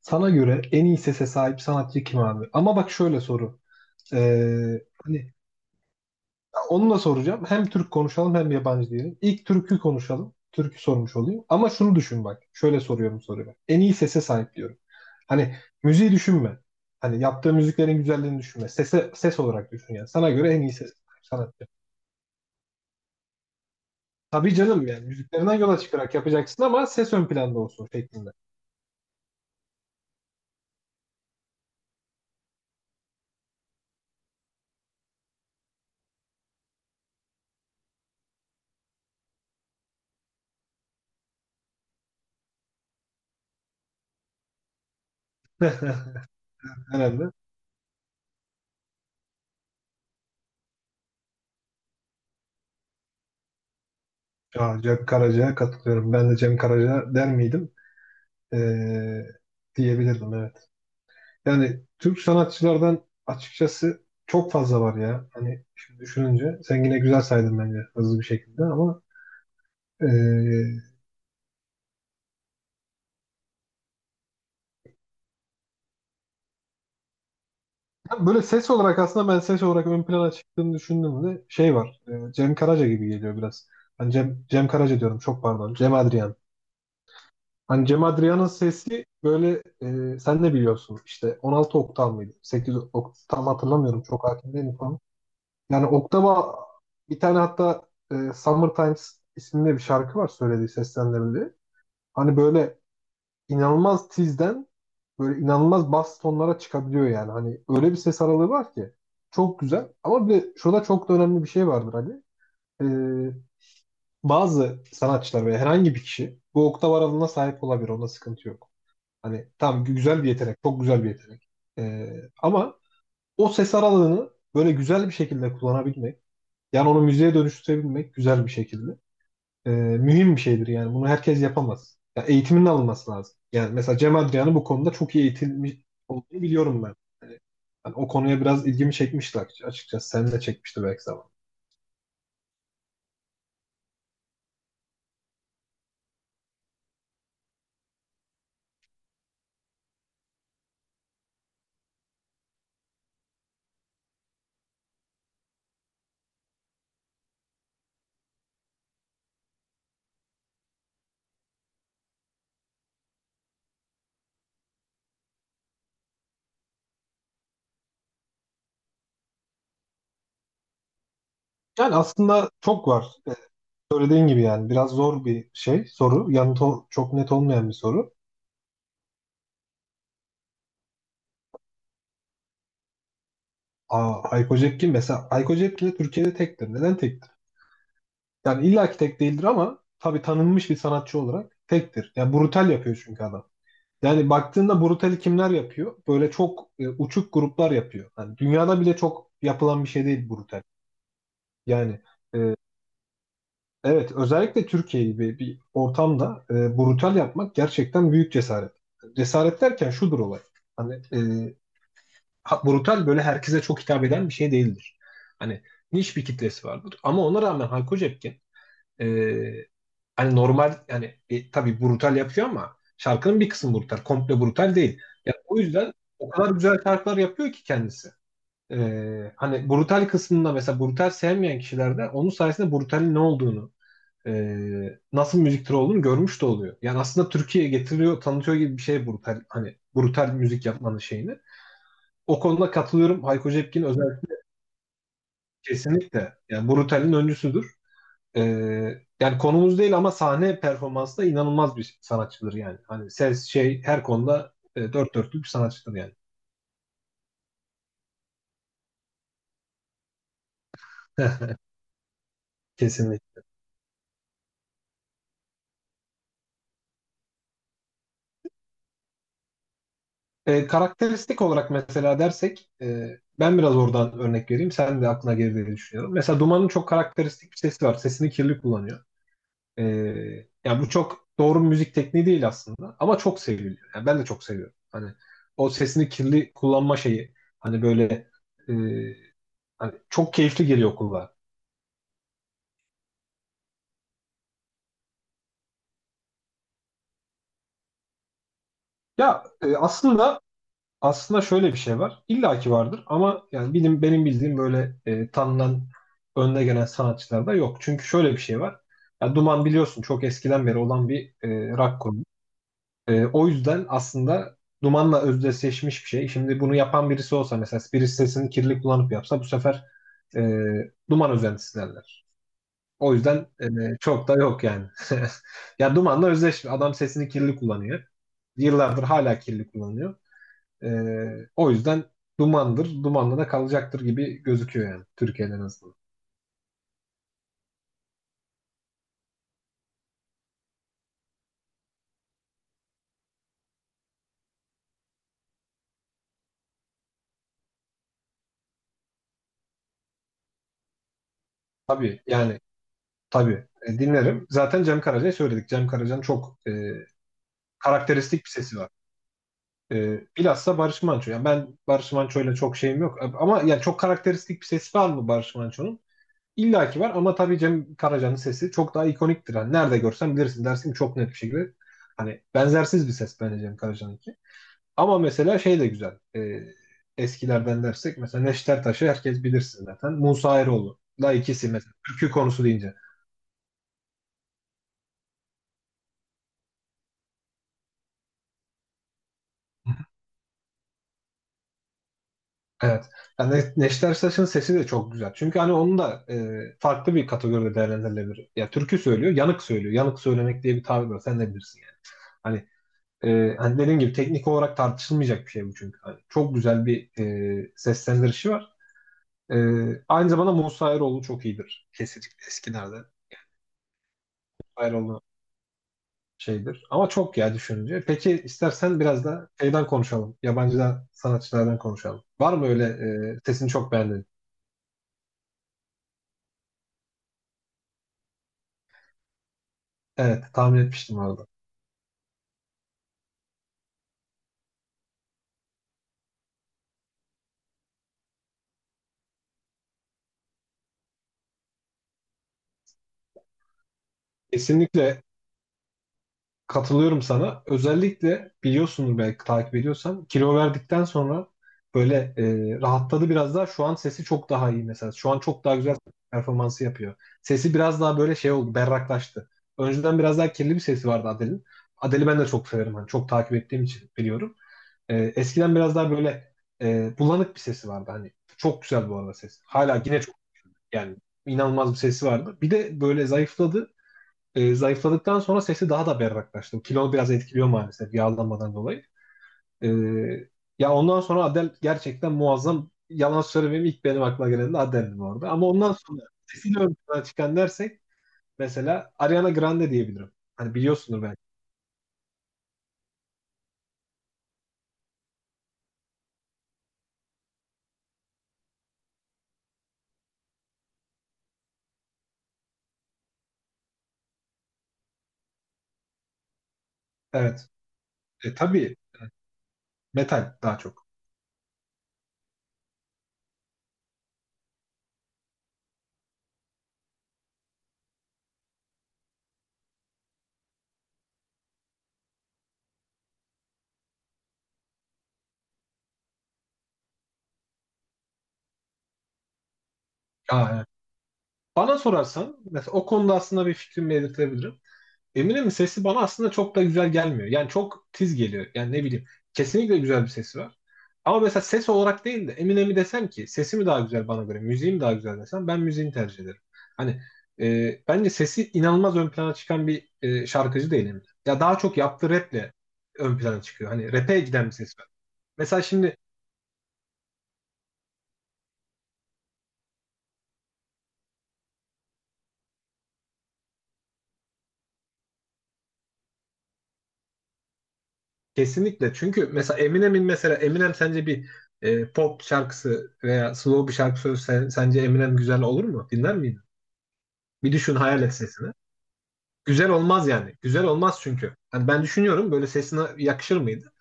Sana göre en iyi sese sahip sanatçı kim abi? Ama bak şöyle soru. Ee, hani onu da soracağım. Hem Türk konuşalım hem yabancı diyelim. İlk türkü konuşalım. Türkü sormuş olayım. Ama şunu düşün bak. Şöyle soruyorum soruyu. En iyi sese sahip diyorum. Hani müziği düşünme. Hani yaptığı müziklerin güzelliğini düşünme. Sese, ses olarak düşün yani. Sana göre en iyi sese sahip sanatçı. Tabii canım yani müziklerinden yola çıkarak yapacaksın ama ses ön planda olsun şeklinde. Herhalde. Ya, Cem Karaca'ya katılıyorum. Ben de Cem Karaca der miydim? Ee, Diyebilirdim evet. Yani Türk sanatçılardan açıkçası çok fazla var ya. Hani şimdi düşününce sen yine güzel saydın bence hızlı bir şekilde ama ee, ya böyle ses olarak aslında ben ses olarak ön plana çıktığını düşündüğümde şey var. Cem Karaca gibi geliyor biraz. Hani Cem Karaca diyorum çok pardon. Cem Adrian. Hani Cem Adrian'ın sesi böyle sen ne biliyorsun işte 16 oktav mıydı? 8 oktav mı hatırlamıyorum çok hakim değilim falan. Yani oktava bir tane hatta Summer Times isimli bir şarkı var söylediği seslendirildiği. Hani böyle inanılmaz tizden böyle inanılmaz bas tonlara çıkabiliyor yani. Hani öyle bir ses aralığı var ki çok güzel. Ama bir de şurada çok da önemli bir şey vardır Ali. E, Bazı sanatçılar veya herhangi bir kişi bu oktav aralığına sahip olabilir. Onda sıkıntı yok. Hani tam güzel bir yetenek, çok güzel bir yetenek. E, ama o ses aralığını böyle güzel bir şekilde kullanabilmek yani onu müzeye dönüştürebilmek güzel bir şekilde. Mühim bir şeydir yani. Bunu herkes yapamaz. Ya eğitiminin alınması lazım. Yani mesela Cem Adrian'ın bu konuda çok iyi eğitilmiş olduğunu biliyorum ben. Yani o konuya biraz ilgimi çekmişti açıkçası. Sen de çekmişti belki zaman. Yani aslında çok var. Söylediğin gibi yani biraz zor bir şey, soru. Yanıtı çok net olmayan bir soru. Aa, Hayko Cepkin mesela Hayko Cepkin de Türkiye'de tektir. Neden tektir? Yani illaki tek değildir ama tabii tanınmış bir sanatçı olarak tektir. Yani brutal yapıyor çünkü adam. Yani baktığında brutali kimler yapıyor? Böyle çok uçuk gruplar yapıyor. Yani dünyada bile çok yapılan bir şey değil brutal. Yani e, evet özellikle Türkiye gibi bir ortamda brutal yapmak gerçekten büyük cesaret. Cesaret derken şudur olay. Hani brutal böyle herkese çok hitap eden bir şey değildir. Hani niş bir kitlesi vardır. Ama ona rağmen Hayko Cepkin e, hani normal yani tabii brutal yapıyor ama şarkının bir kısmı brutal. Komple brutal değil. Yani o yüzden o kadar güzel şarkılar yapıyor ki kendisi. Hani brutal kısmında mesela brutal sevmeyen kişiler de onun sayesinde brutalin ne olduğunu, nasıl müzik türü olduğunu görmüş de oluyor. Yani aslında Türkiye'ye getiriyor, tanıtıyor gibi bir şey brutal. Hani brutal müzik yapmanın şeyini. O konuda katılıyorum. Hayko Cepkin özellikle kesinlikle. Yani Brutal'in öncüsüdür. Ee, Yani konumuz değil ama sahne performansı da inanılmaz bir sanatçıdır yani. Hani ses şey her konuda dört dörtlük bir sanatçıdır yani. Kesinlikle. Karakteristik olarak mesela dersek ben biraz oradan örnek vereyim. Sen de aklına gelir diye düşünüyorum. Mesela Duman'ın çok karakteristik bir sesi var. Sesini kirli kullanıyor. Ee, Yani bu çok doğru bir müzik tekniği değil aslında ama çok seviliyor. Yani ben de çok seviyorum. Hani o sesini kirli kullanma şeyi hani böyle e, hani çok keyifli geliyor kulağa. Ya aslında şöyle bir şey var. İlla ki vardır ama yani benim bildiğim böyle tanınan önde gelen sanatçılar da yok. Çünkü şöyle bir şey var. Ya Duman biliyorsun çok eskiden beri olan bir rock. O yüzden aslında dumanla özdeşleşmiş bir şey. Şimdi bunu yapan birisi olsa mesela birisi sesini kirli kullanıp yapsa bu sefer e, duman özentisi derler. O yüzden çok da yok yani. Ya dumanla özdeş adam sesini kirli kullanıyor. Yıllardır hala kirli kullanıyor. E, O yüzden dumandır, dumanla da kalacaktır gibi gözüküyor yani Türkiye'de en azından. Tabii yani tabii. Dinlerim. Zaten Cem Karaca'yı söyledik. Cem Karaca'nın çok karakteristik bir sesi var. Bilhassa Barış Manço. Yani ben Barış Manço'yla çok şeyim yok. Ama yani çok karakteristik bir sesi var mı Barış Manço'nun? İlla ki var ama tabii Cem Karaca'nın sesi çok daha ikoniktir. Yani nerede görsen bilirsin dersin ki çok net bir şekilde. Hani benzersiz bir ses bence Cem Karaca'nınki. Ama mesela şey de güzel. Eskilerden dersek mesela Neşter Taş'ı herkes bilirsin zaten. Musa Eroğlu. Da ikisi mesela. Türkü konusu deyince. Evet. Yani Neşter Saç'ın sesi de çok güzel. Çünkü hani onun da farklı bir kategoride değerlendirilebilir. Ya türkü söylüyor, yanık söylüyor. Yanık söylemek diye bir tabir var. Sen de bilirsin yani. Hani, hani dediğim gibi teknik olarak tartışılmayacak bir şey bu çünkü. Hani çok güzel bir seslendirişi var. E, Aynı zamanda Musa Eroğlu çok iyidir. Kesinlikle eskilerde. Eroğlu şeydir. Ama çok ya düşününce. Peki istersen biraz da şeyden konuşalım. Yabancı sanatçılardan konuşalım. Var mı öyle sesini çok beğendin? Evet, tahmin etmiştim orada. Kesinlikle katılıyorum sana. Özellikle biliyorsundur belki takip ediyorsan kilo verdikten sonra böyle rahatladı biraz daha. Şu an sesi çok daha iyi mesela. Şu an çok daha güzel performansı yapıyor. Sesi biraz daha böyle şey oldu, berraklaştı. Önceden biraz daha kirli bir sesi vardı Adele'in. Adele'i ben de çok severim. Hani çok takip ettiğim için biliyorum. Eskiden biraz daha böyle bulanık bir sesi vardı. Hani çok güzel bu arada ses. Hala yine çok yani inanılmaz bir sesi vardı. Bir de böyle zayıfladı. Zayıfladıktan sonra sesi daha da berraklaştı. Kilo biraz etkiliyor maalesef yağlanmadan dolayı. E, Ya ondan sonra Adele gerçekten muazzam. Yalan söylemeyeyim ilk benim aklıma gelen de Adele'di bu arada. Ama ondan sonra sesiyle ön plana çıkan dersek mesela Ariana Grande diyebilirim. Hani biliyorsundur belki. Evet. Tabii metal daha çok. Aa, evet. Bana sorarsan mesela o konuda aslında bir fikrimi belirtebilirim. Eminem'in sesi bana aslında çok da güzel gelmiyor. Yani çok tiz geliyor. Yani ne bileyim. Kesinlikle güzel bir sesi var. Ama mesela ses olarak değil de Eminem'i desem ki sesi mi daha güzel bana göre, müziği mi daha güzel desem ben müziğini tercih ederim. Hani bence sesi inanılmaz ön plana çıkan bir şarkıcı değil Eminem. Ya daha çok yaptığı raple ön plana çıkıyor. Hani rap'e giden bir ses var. Mesela şimdi kesinlikle çünkü mesela Eminem sence bir pop şarkısı veya slow bir şarkı söylese sence Eminem güzel olur mu? Dinler miydin? Bir düşün hayal et sesini. Güzel olmaz yani. Güzel olmaz çünkü. Hani ben düşünüyorum böyle sesine yakışır mıydı?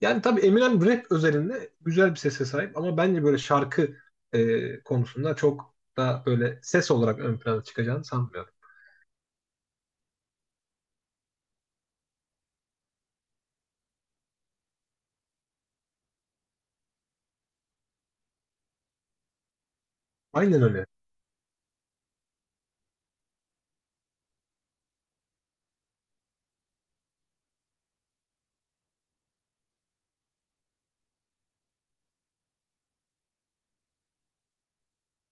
Yani tabii Eminem rap özelinde güzel bir sese sahip ama bence böyle şarkı konusunda çok da böyle ses olarak ön plana çıkacağını sanmıyorum. Aynen öyle.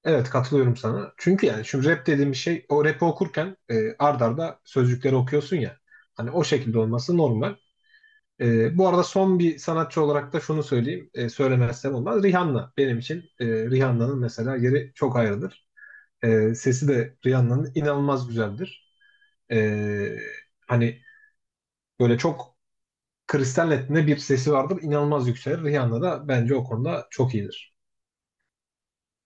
Evet katılıyorum sana. Çünkü yani şimdi rap dediğim şey o rapi okurken ard arda sözcükleri okuyorsun ya. Hani o şekilde olması normal. Bu arada son bir sanatçı olarak da şunu söyleyeyim. Söylemezsem olmaz. Rihanna benim için Rihanna'nın mesela yeri çok ayrıdır. Sesi de Rihanna'nın inanılmaz güzeldir. E, hani böyle çok Kristal Net'inde bir sesi vardır. İnanılmaz yükselir. Rihanna da bence o konuda çok iyidir.